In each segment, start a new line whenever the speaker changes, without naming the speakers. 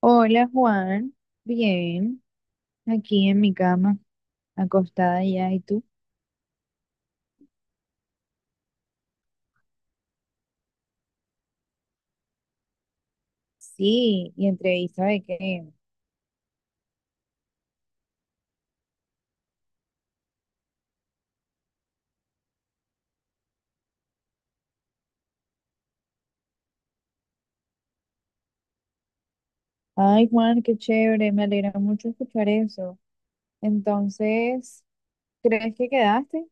Hola Juan, bien, aquí en mi cama, acostada ya, ¿y tú? Sí, ¿y entrevista de qué? Ay Juan, qué chévere, me alegra mucho escuchar eso. Entonces, ¿crees que quedaste?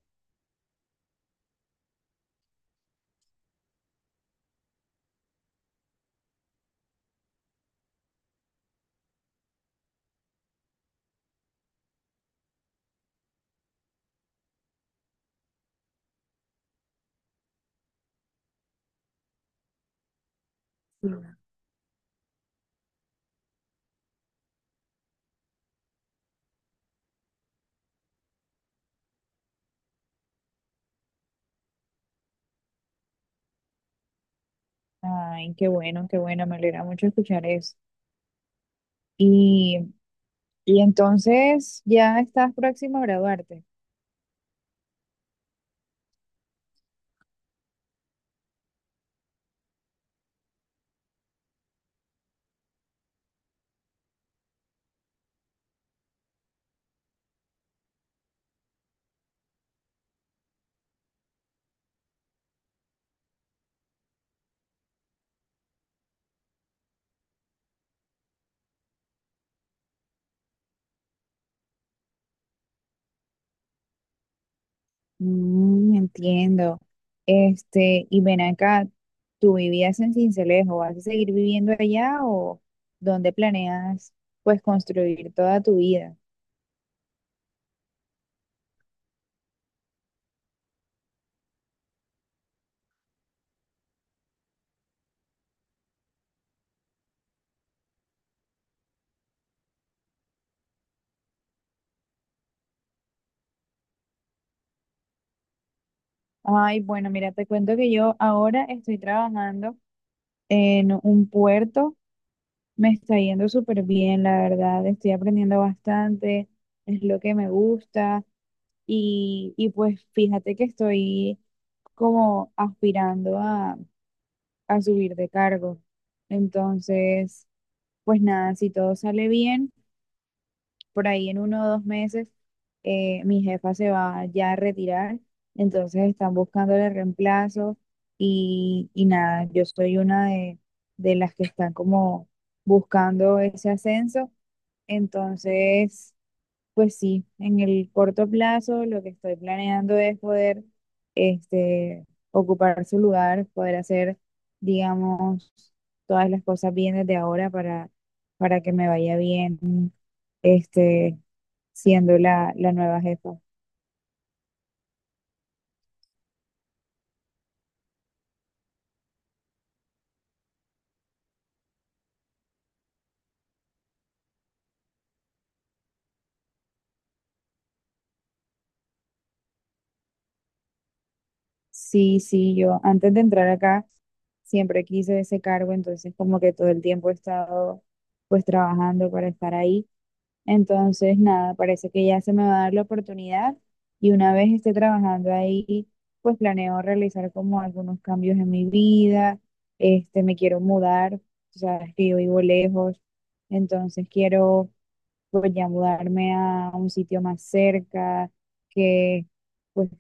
Sí. Ay, qué bueno, me alegra mucho escuchar eso. Y, y entonces, ¿ya estás próximo a graduarte? Mm, entiendo. Este, y ven acá, ¿tú vivías en Sincelejo? ¿Vas a seguir viviendo allá o dónde planeas pues construir toda tu vida? Ay, bueno, mira, te cuento que yo ahora estoy trabajando en un puerto. Me está yendo súper bien, la verdad. Estoy aprendiendo bastante, es lo que me gusta. Y pues fíjate que estoy como aspirando a subir de cargo. Entonces, pues nada, si todo sale bien, por ahí en 1 o 2 meses mi jefa se va ya a retirar, entonces están buscándole reemplazo y nada, yo soy una de las que están como buscando ese ascenso, entonces pues sí, en el corto plazo lo que estoy planeando es poder este, ocupar su lugar, poder hacer, digamos, todas las cosas bien desde ahora para que me vaya bien este, siendo la nueva jefa. Sí, sí, yo antes de entrar acá siempre quise ese cargo, entonces como que todo el tiempo he estado pues trabajando para estar ahí. Entonces, nada, parece que ya se me va a dar la oportunidad y una vez esté trabajando ahí, pues planeo realizar como algunos cambios en mi vida, este, me quiero mudar, o sea, es que yo vivo lejos, entonces quiero pues ya mudarme a un sitio más cerca, que pues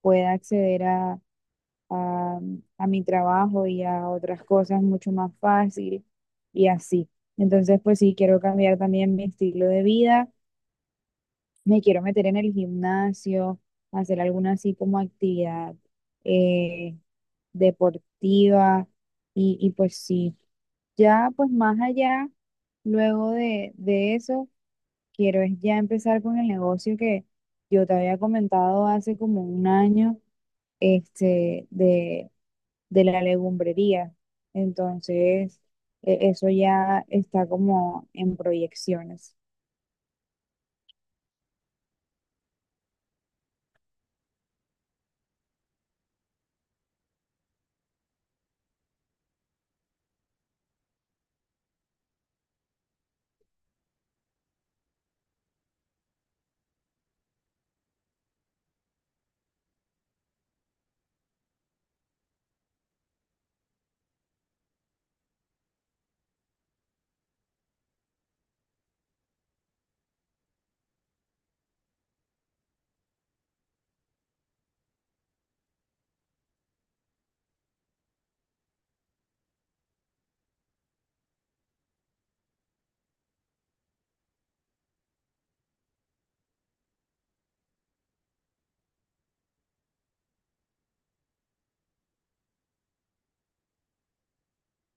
pueda acceder a, a mi trabajo y a otras cosas mucho más fácil y así. Entonces, pues sí, quiero cambiar también mi estilo de vida. Me quiero meter en el gimnasio, hacer alguna así como actividad eh, deportiva y pues sí, ya pues más allá, luego de eso, quiero es ya empezar con el negocio que yo te había comentado hace como un año, este, de la legumbrería. Entonces, eso ya está como en proyecciones.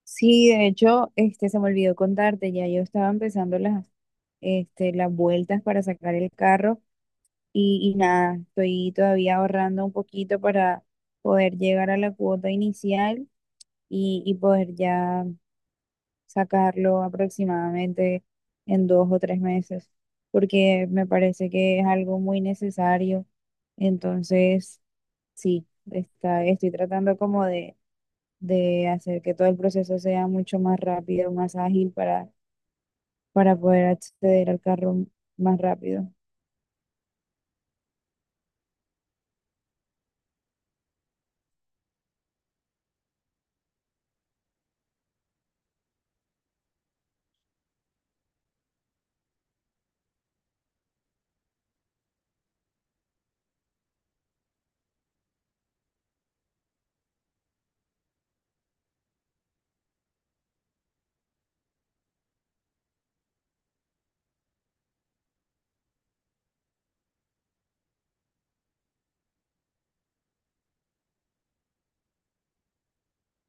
Sí, de hecho, este se me olvidó contarte, ya yo estaba empezando las, este, las vueltas para sacar el carro y nada, estoy todavía ahorrando un poquito para poder llegar a la cuota inicial y poder ya sacarlo aproximadamente en 2 o 3 meses, porque me parece que es algo muy necesario. Entonces, sí, estoy tratando como de hacer que todo el proceso sea mucho más rápido, más ágil para, poder acceder al carro más rápido.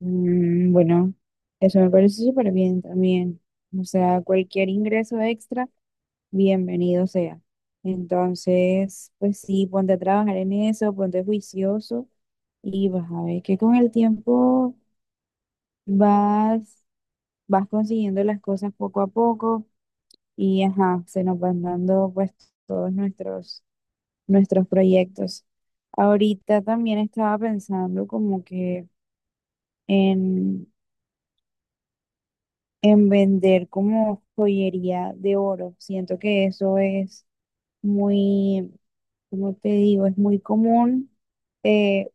Mm, bueno, eso me parece súper bien también. O sea, cualquier ingreso extra, bienvenido sea. Entonces, pues sí, ponte a trabajar en eso, ponte juicioso y vas a ver que con el tiempo vas, vas consiguiendo las cosas poco a poco y ajá, se nos van dando pues todos nuestros proyectos. Ahorita también estaba pensando como que en, en vender como joyería de oro. Siento que eso es muy, como te digo, es muy común eh,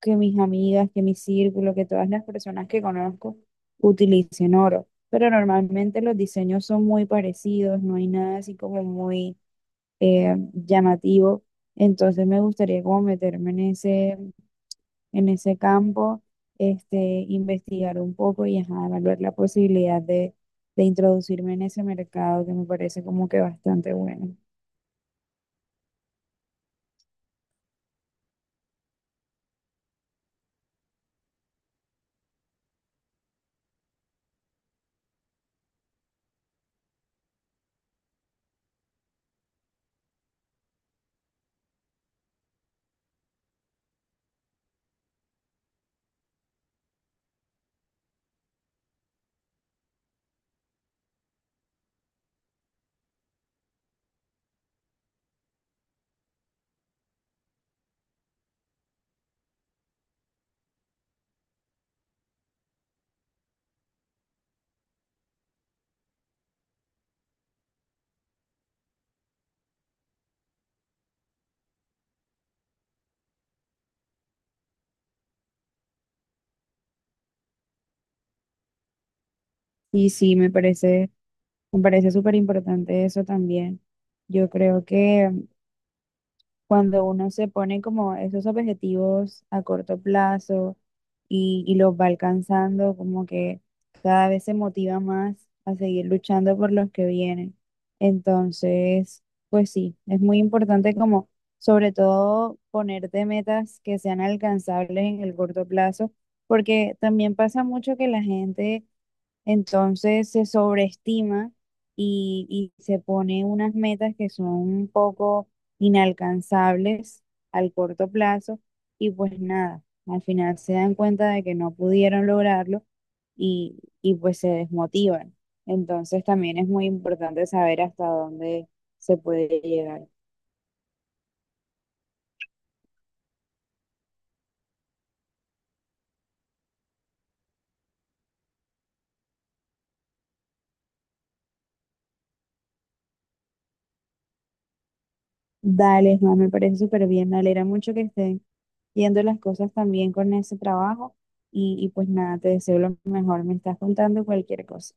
que mis amigas, que mi círculo, que todas las personas que conozco utilicen oro. Pero normalmente los diseños son muy parecidos, no hay nada así como muy llamativo. Entonces me gustaría como meterme en ese campo, este, investigar un poco y ajá, evaluar la posibilidad de introducirme en ese mercado que me parece como que bastante bueno. Y sí, me parece súper importante eso también. Yo creo que cuando uno se pone como esos objetivos a corto plazo y los va alcanzando, como que cada vez se motiva más a seguir luchando por los que vienen. Entonces, pues sí, es muy importante como, sobre todo, ponerte metas que sean alcanzables en el corto plazo, porque también pasa mucho que la gente entonces se sobreestima y, y se pone unas metas que son un poco inalcanzables al corto plazo y pues nada, al final se dan cuenta de que no pudieron lograrlo y pues se desmotivan. Entonces también es muy importante saber hasta dónde se puede llegar. Dale, Juan, me parece súper bien, me alegra mucho que estén yendo las cosas también con ese trabajo y pues nada, te deseo lo mejor, me estás contando cualquier cosa.